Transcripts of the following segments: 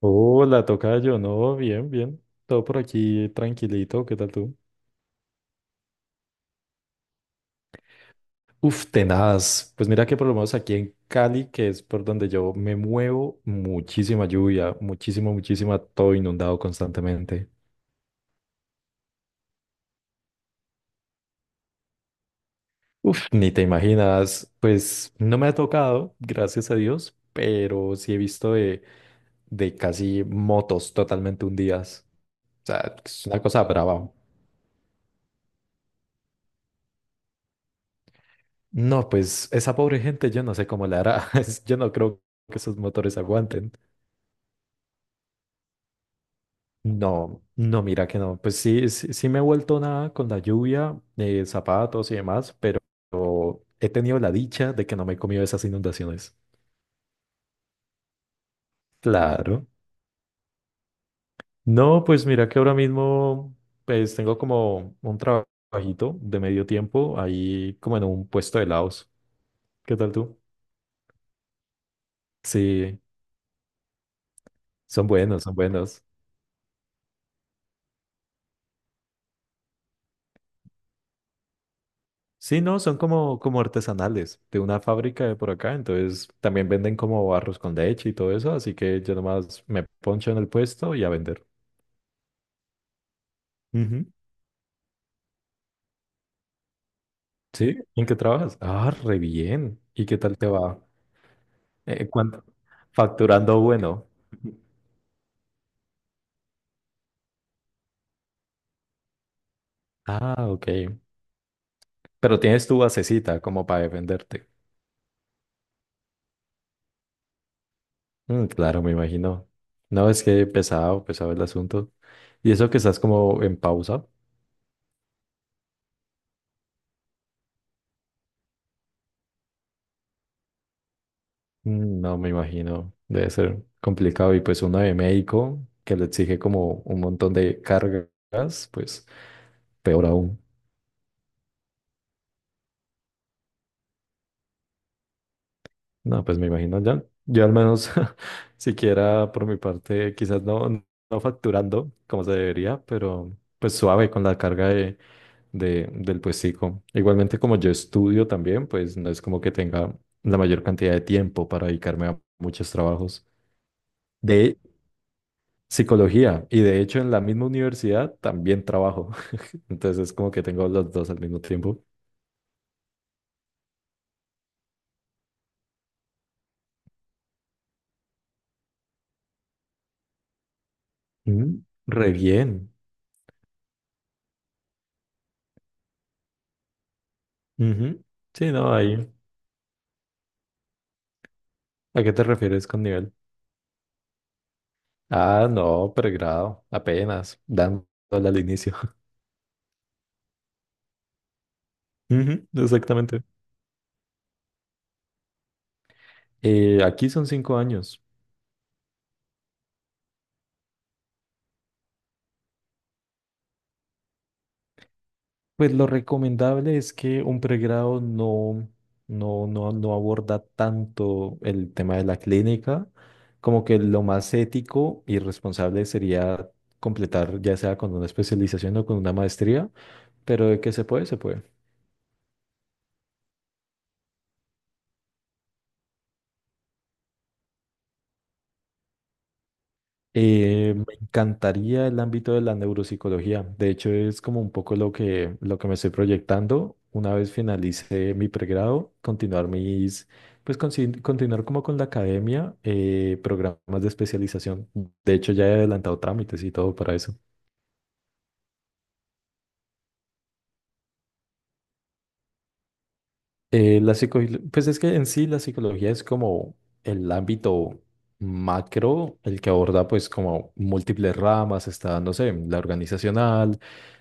Hola, tocayo, no, bien, bien. Todo por aquí tranquilito, ¿qué tal tú? Uf, tenaz. Pues mira que por lo menos aquí en Cali, que es por donde yo me muevo, muchísima lluvia, muchísima, muchísima, todo inundado constantemente. Uf, ni te imaginas, pues no me ha tocado, gracias a Dios, pero sí he visto de casi motos totalmente hundidas. O sea, es una cosa brava. No, pues esa pobre gente, yo no sé cómo le hará. Es- Yo no creo que esos motores aguanten. No, no, mira que no. Pues sí, sí, sí me he vuelto nada con la lluvia, zapatos y demás, pero he tenido la dicha de que no me he comido esas inundaciones. Claro. No, pues mira que ahora mismo, pues tengo como un trabajito de medio tiempo ahí como en un puesto de helados. ¿Qué tal tú? Sí, son buenos, son buenos. Sí, no, son como, como artesanales de una fábrica de por acá, entonces también venden como arroz con leche y todo eso, así que yo nomás me poncho en el puesto y a vender. Ujú. ¿Sí? ¿En qué trabajas? Ah, re bien. ¿Y qué tal te va? ¿Cuánto? Facturando bueno. Ah, ok. Pero tienes tu basecita como para defenderte. Mm, claro, me imagino. No, es que pesado, pesado el asunto. ¿Y eso que estás como en pausa? Mm, no me imagino, debe ser complicado. Y pues uno de médico que le exige como un montón de cargas, pues peor aún. No, pues me imagino ya. Yo al menos, siquiera por mi parte, quizás no, no facturando como se debería, pero pues suave con la carga del puestico. Igualmente como yo estudio también, pues no es como que tenga la mayor cantidad de tiempo para dedicarme a muchos trabajos. De psicología y de hecho en la misma universidad también trabajo. Entonces, como que tengo los dos al mismo tiempo. Mm, re bien. Ujú. Sí, no, ahí. ¿A qué te refieres con nivel? Ah, no, pregrado, apenas, dándole al inicio. Ujú, exactamente. Aquí son 5 años. Pues lo recomendable es que un pregrado no aborda tanto el tema de la clínica, como que lo más ético y responsable sería completar ya sea con una especialización o con una maestría. Pero de que se puede, se puede. Me encantaría el ámbito de la neuropsicología. De hecho, es como un poco lo que me estoy proyectando. Una vez finalice mi pregrado, continuar mis, pues continuar como con la academia, programas de especialización. De hecho, ya he adelantado trámites y todo para eso. Eh, la psico- pues es que en sí la psicología es como el ámbito macro, el que aborda pues como múltiples ramas, está, no sé, la organizacional,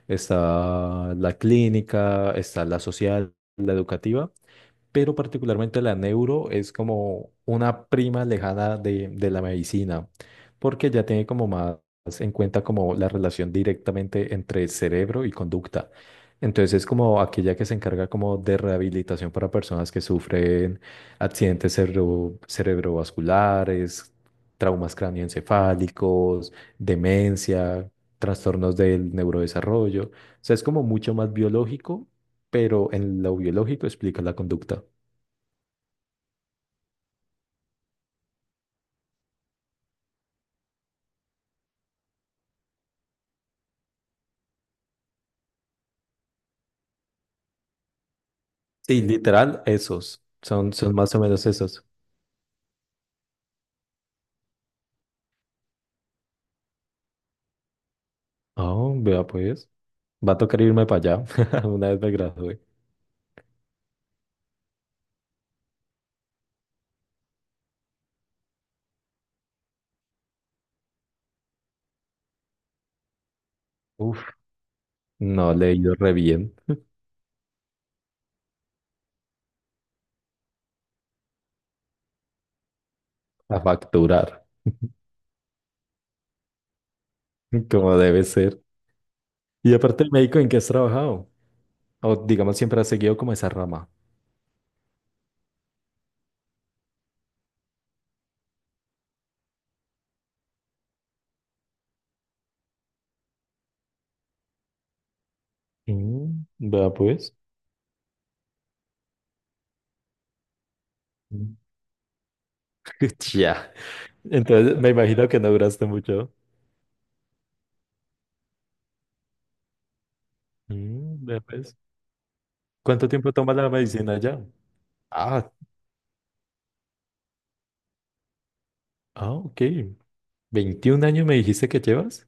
está la clínica, está la social, la educativa, pero particularmente la neuro es como una prima lejana de la medicina, porque ya tiene como más en cuenta como la relación directamente entre cerebro y conducta. Entonces es como aquella que se encarga como de rehabilitación para personas que sufren accidentes cerebrovasculares, traumas cranioencefálicos, demencia, trastornos del neurodesarrollo. O sea, es como mucho más biológico, pero en lo biológico explica la conducta. Sí, literal, esos. Son, son más o menos esos. Oh, vea pues. Va a tocar irme para allá. Una vez me gradué. Uf, no le he ido re bien a facturar, como debe ser. Y aparte, el médico en qué has trabajado. O digamos, siempre has seguido como esa rama. Mm, vea pues. Mm. Ya. Entonces, me imagino que no duraste mucho. Mm, vea pues. ¿Cuánto tiempo tomas la medicina ya? Ah, ah, ok. ¿21 años me dijiste que llevas?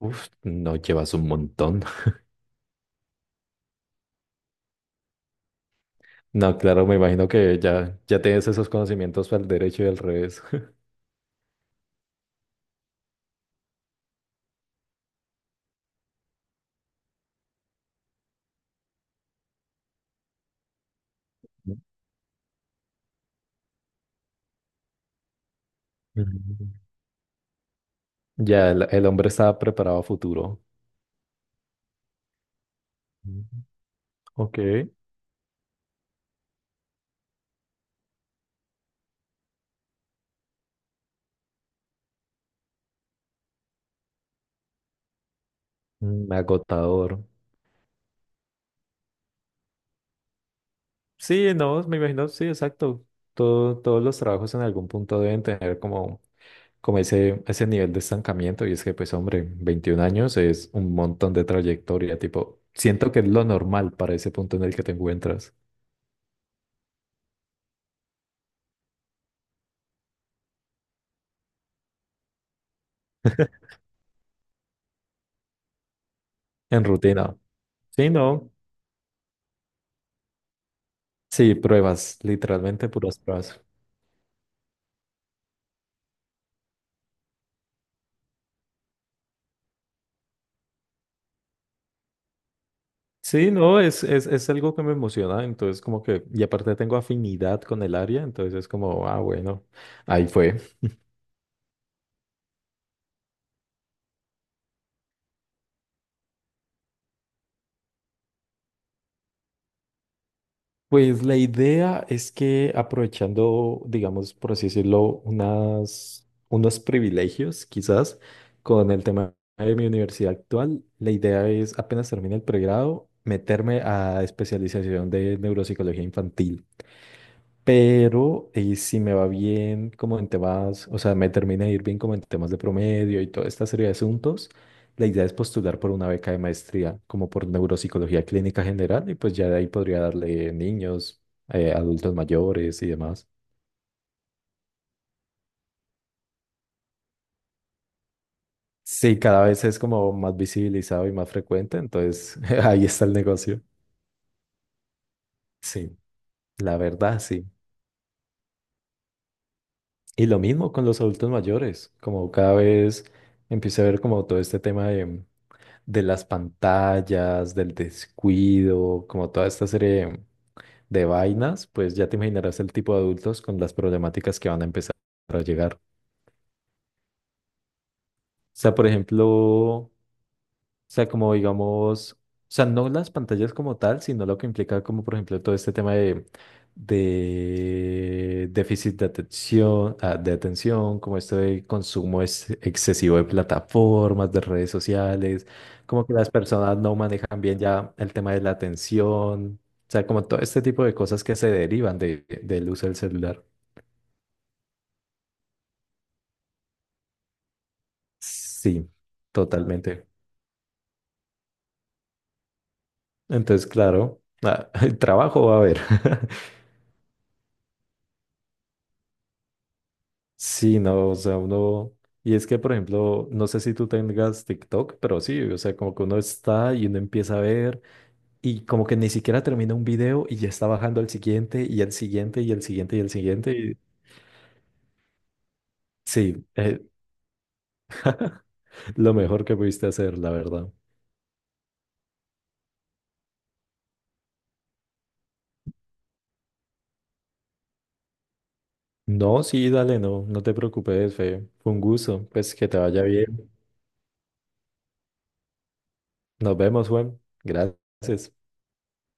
Uf, no llevas un montón. No, claro, me imagino que ya, ya tienes esos conocimientos para el derecho y al revés. Mm. Ya, el hombre estaba preparado a futuro. Mm. Ok. Mm, agotador. Sí, no, me imagino, sí, exacto. Todo- todos los trabajos en algún punto deben tener como, como ese nivel de estancamiento. Y es que, pues, hombre, 21 años es un montón de trayectoria. Tipo, siento que es lo normal para ese punto en el que te encuentras. En rutina. Sí, no. Sí, pruebas, literalmente puras pruebas. Sí, no, es algo que me emociona, entonces como que, y aparte tengo afinidad con el área, entonces es como, ah, bueno, ahí fue. Pues la idea es que aprovechando, digamos, por así decirlo, unos privilegios quizás con el tema de mi universidad actual, la idea es apenas termine el pregrado, meterme a especialización de neuropsicología infantil. Pero si me va bien como en temas, o sea, me termina de ir bien como en temas de promedio y toda esta serie de asuntos, la idea es postular por una beca de maestría, como por neuropsicología clínica general, y pues ya de ahí podría darle niños, adultos mayores y demás. Sí, cada vez es como más visibilizado y más frecuente, entonces ahí está el negocio. Sí, la verdad, sí. Y lo mismo con los adultos mayores, como cada vez empiezo a ver como todo este tema de las pantallas, del descuido, como toda esta serie de vainas, pues ya te imaginarás el tipo de adultos con las problemáticas que van a empezar a llegar. O sea, por ejemplo, o sea, como digamos, o sea, no las pantallas como tal, sino lo que implica como, por ejemplo, todo este tema de déficit de atención, ah, de atención, como esto de consumo es excesivo de plataformas, de redes sociales, como que las personas no manejan bien ya el tema de la atención, o sea, como todo este tipo de cosas que se derivan del uso del celular. Sí, totalmente. Entonces, claro, ah, el trabajo va a haber. Sí, no, o sea, uno, y es que, por ejemplo, no sé si tú tengas TikTok, pero sí, o sea, como que uno está y uno empieza a ver y como que ni siquiera termina un video y ya está bajando al siguiente y al siguiente y al siguiente y al siguiente. Y- sí, lo mejor que pudiste hacer, la verdad. No, sí, dale, no, no te preocupes, Fe. Fue un gusto, pues que te vaya bien. Nos vemos, Juan. Gracias.